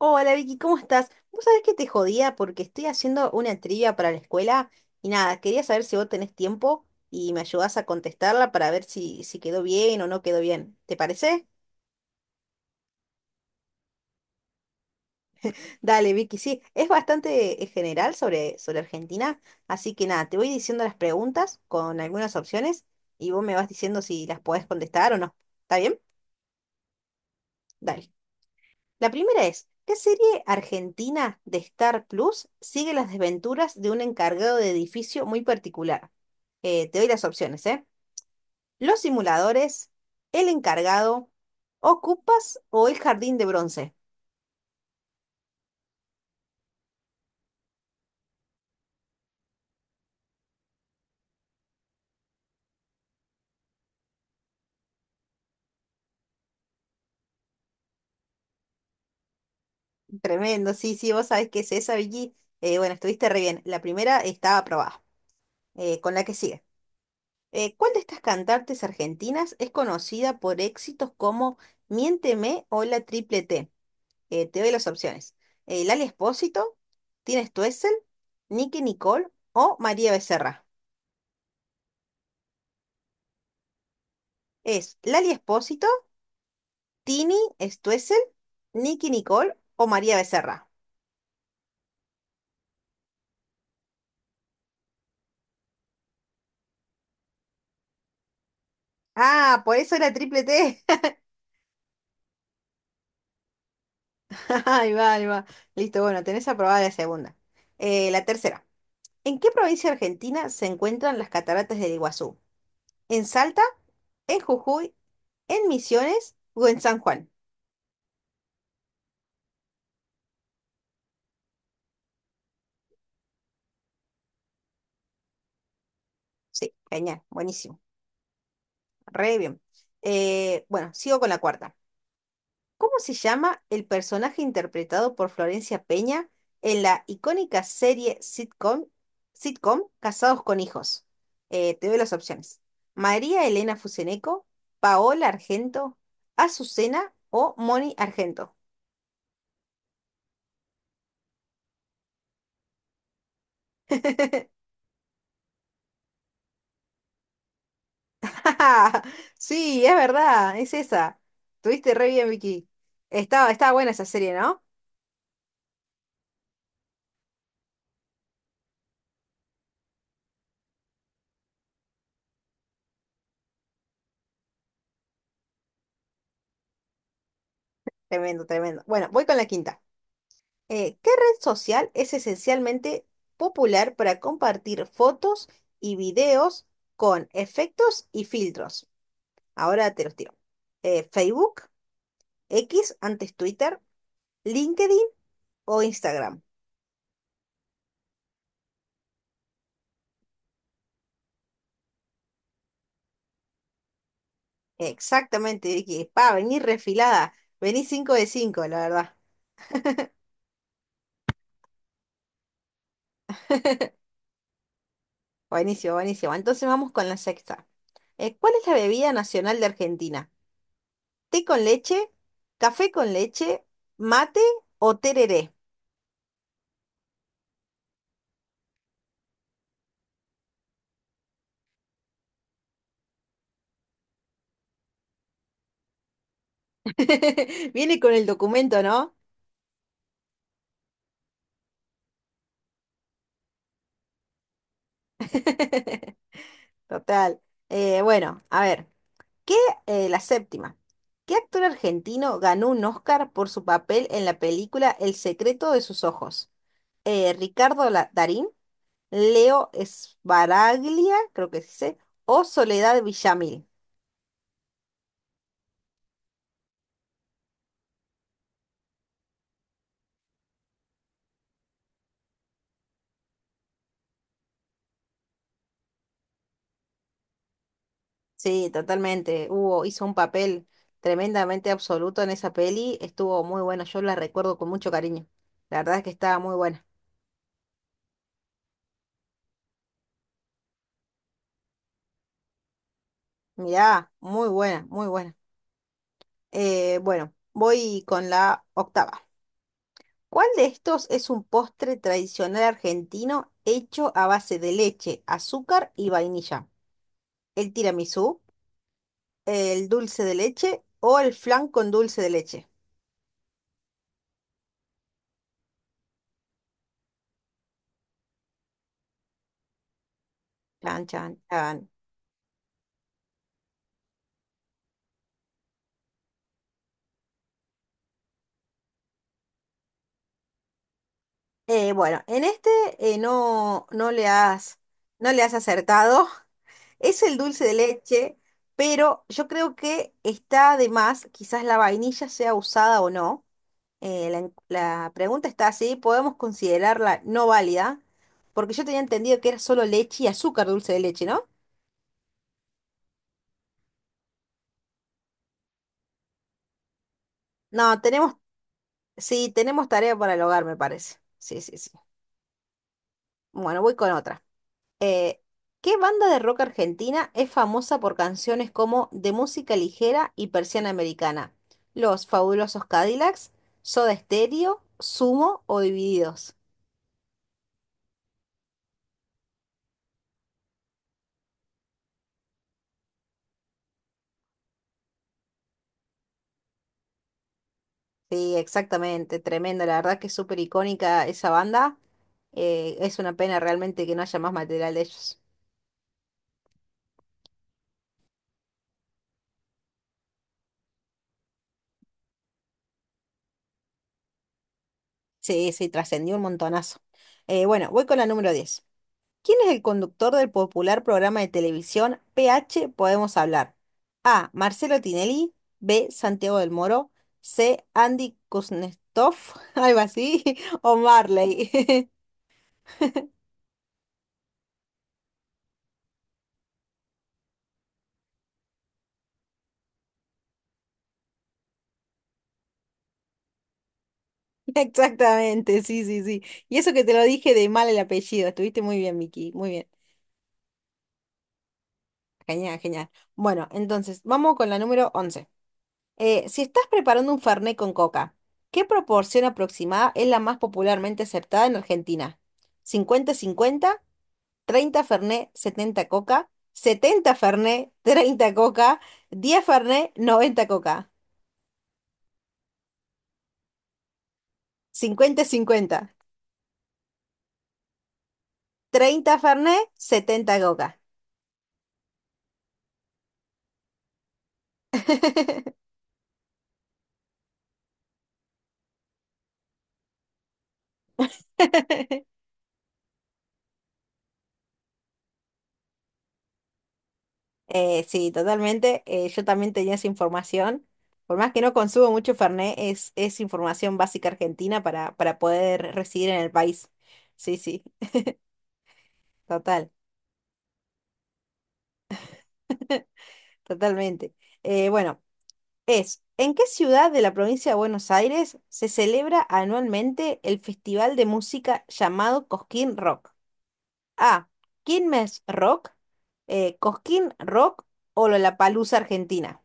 Hola Vicky, ¿cómo estás? Vos sabés que te jodía porque estoy haciendo una trivia para la escuela y nada, quería saber si vos tenés tiempo y me ayudás a contestarla para ver si quedó bien o no quedó bien. ¿Te parece? Dale, Vicky, sí, es bastante general sobre Argentina, así que nada, te voy diciendo las preguntas con algunas opciones y vos me vas diciendo si las podés contestar o no. ¿Está bien? Dale. La primera es, ¿qué serie argentina de Star Plus sigue las desventuras de un encargado de edificio muy particular? Te doy las opciones, ¿eh? Los simuladores, el encargado, Ocupas o el jardín de bronce. Tremendo, sí, sí, vos sabés que es esa, Vicky. Bueno, estuviste re bien. La primera estaba aprobada. Con la que sigue. ¿Cuál de estas cantantes argentinas es conocida por éxitos como Miénteme o La Triple T? Te doy las opciones. Lali Espósito, Tina Stoessel, Nicky Nicole o María Becerra. Es Lali Espósito, Tini Stoessel, Nicky Nicole o María Becerra. Ah, por eso era triple T. Ahí va, ahí va. Listo, bueno, tenés aprobada la segunda. La tercera. ¿En qué provincia argentina se encuentran las cataratas del Iguazú? ¿En Salta, en Jujuy, en Misiones o en San Juan? Sí, genial, buenísimo. Re bien. Bueno, sigo con la cuarta. ¿Cómo se llama el personaje interpretado por Florencia Peña en la icónica serie sitcom Casados con Hijos? Te doy las opciones. María Elena Fuseneco, Paola Argento, Azucena o Moni Argento. Sí, es verdad, es esa. Tuviste re bien, Vicky. Estaba buena esa serie, ¿no? Tremendo, tremendo. Bueno, voy con la quinta. ¿Qué red social es esencialmente popular para compartir fotos y videos con efectos y filtros? Ahora te los tiro. Facebook, X, antes Twitter, LinkedIn o Instagram. Exactamente, Vicky. Pa, vení refilada. Vení 5 de 5, la verdad. Buenísimo, buenísimo. Entonces vamos con la sexta. ¿Cuál es la bebida nacional de Argentina? ¿Té con leche? ¿Café con leche? ¿Mate o tereré? Viene con el documento, ¿no? Total. Bueno, a ver, ¿qué, la séptima. ¿Qué actor argentino ganó un Oscar por su papel en la película El secreto de sus ojos? Darín, Leo Sbaraglia, creo que se dice, o Soledad Villamil? Sí, totalmente. Hizo un papel tremendamente absoluto en esa peli. Estuvo muy bueno. Yo la recuerdo con mucho cariño. La verdad es que estaba muy buena. Mirá, muy buena, muy buena. Bueno, voy con la octava. ¿Cuál de estos es un postre tradicional argentino hecho a base de leche, azúcar y vainilla? ¿El tiramisú, el dulce de leche o el flan con dulce de leche? Chan, chan, chan. Bueno, en este no, no le has acertado. Es el dulce de leche, pero yo creo que está de más, quizás la vainilla sea usada o no. La pregunta está así, podemos considerarla no válida, porque yo tenía entendido que era solo leche y azúcar dulce de leche, ¿no? No, sí, tenemos tarea para el hogar, me parece. Sí, sí, sí. Bueno, voy con otra. Eh, ¿Qué banda de rock argentina es famosa por canciones como De música ligera y Persiana Americana? Los Fabulosos Cadillacs, Soda Stereo, Sumo o Divididos. Sí, exactamente, tremendo, la verdad que es súper icónica esa banda. Es una pena realmente que no haya más material de ellos. Sí, sí, trascendió un montonazo. Bueno, voy con la número 10. ¿Quién es el conductor del popular programa de televisión PH Podemos Hablar? A. Marcelo Tinelli. B. Santiago del Moro. C. Andy Kuznetsov, algo así. O Marley. Exactamente, sí, sí, sí. Y eso que te lo dije de mal el apellido. Estuviste muy bien, Miki. Muy bien. Genial, genial. Bueno, entonces, vamos con la número 11. Si estás preparando un fernet con coca, ¿qué proporción aproximada es la más popularmente aceptada en Argentina? ¿50-50, 30 fernet, 70 coca? ¿70 fernet, 30 coca? ¿10 fernet, 90 coca? ¿50-50, 30 fernet, 70 coca? Sí, totalmente. Yo también tenía esa información. Por más que no consumo mucho Fernet, es información básica argentina para poder residir en el país. Sí, sí, total, totalmente. Eh, bueno, ¿En qué ciudad de la provincia de Buenos Aires se celebra anualmente el festival de música llamado Cosquín Rock? A. Quilmes Rock, Cosquín Rock o Lollapalooza Argentina.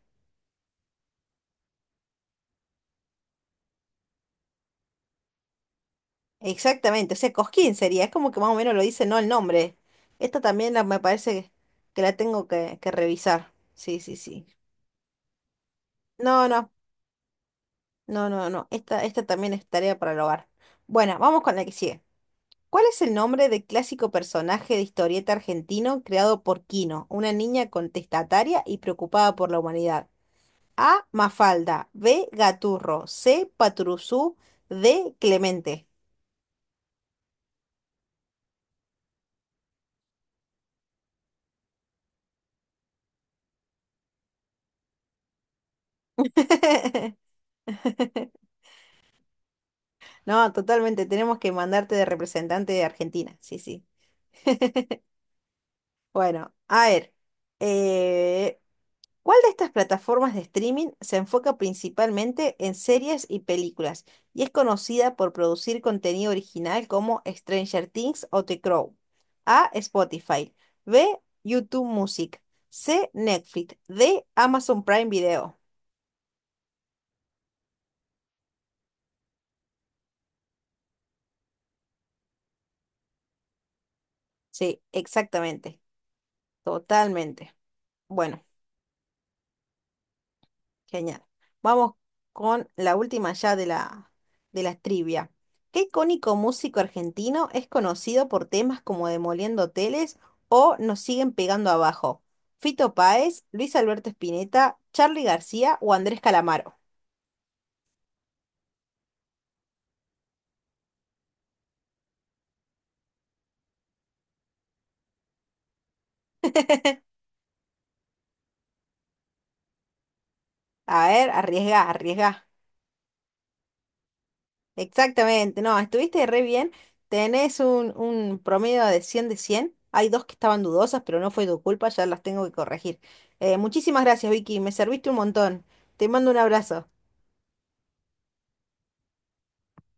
Exactamente, o sea, Cosquín sería, es como que más o menos lo dice, no el nombre. Me parece que la tengo que revisar. Sí, sí, sí. No, no, no, no, no. Esta también es tarea para el hogar. Bueno, vamos con la que sigue. ¿Cuál es el nombre del clásico personaje de historieta argentino creado por Quino, una niña contestataria y preocupada por la humanidad? A. Mafalda, B. Gaturro, C. Paturuzú, D. Clemente. No, totalmente. Tenemos que mandarte de representante de Argentina. Sí, sí. Bueno, a ver. eh, ¿Cuál de estas plataformas de streaming se enfoca principalmente en series y películas y es conocida por producir contenido original como Stranger Things o The Crow? A. Spotify. B. YouTube Music. C. Netflix. D. Amazon Prime Video. Sí, exactamente. Totalmente. Bueno. Genial. Vamos con la última ya de de la trivia. ¿Qué icónico músico argentino es conocido por temas como Demoliendo Hoteles o Nos siguen pegando abajo? ¿Fito Páez, Luis Alberto Spinetta, Charly García o Andrés Calamaro? A ver, arriesga, arriesga. Exactamente, no, estuviste re bien. Tenés un promedio de 100 de 100. Hay dos que estaban dudosas, pero no fue tu culpa, ya las tengo que corregir. Muchísimas gracias, Vicky, me serviste un montón. Te mando un abrazo.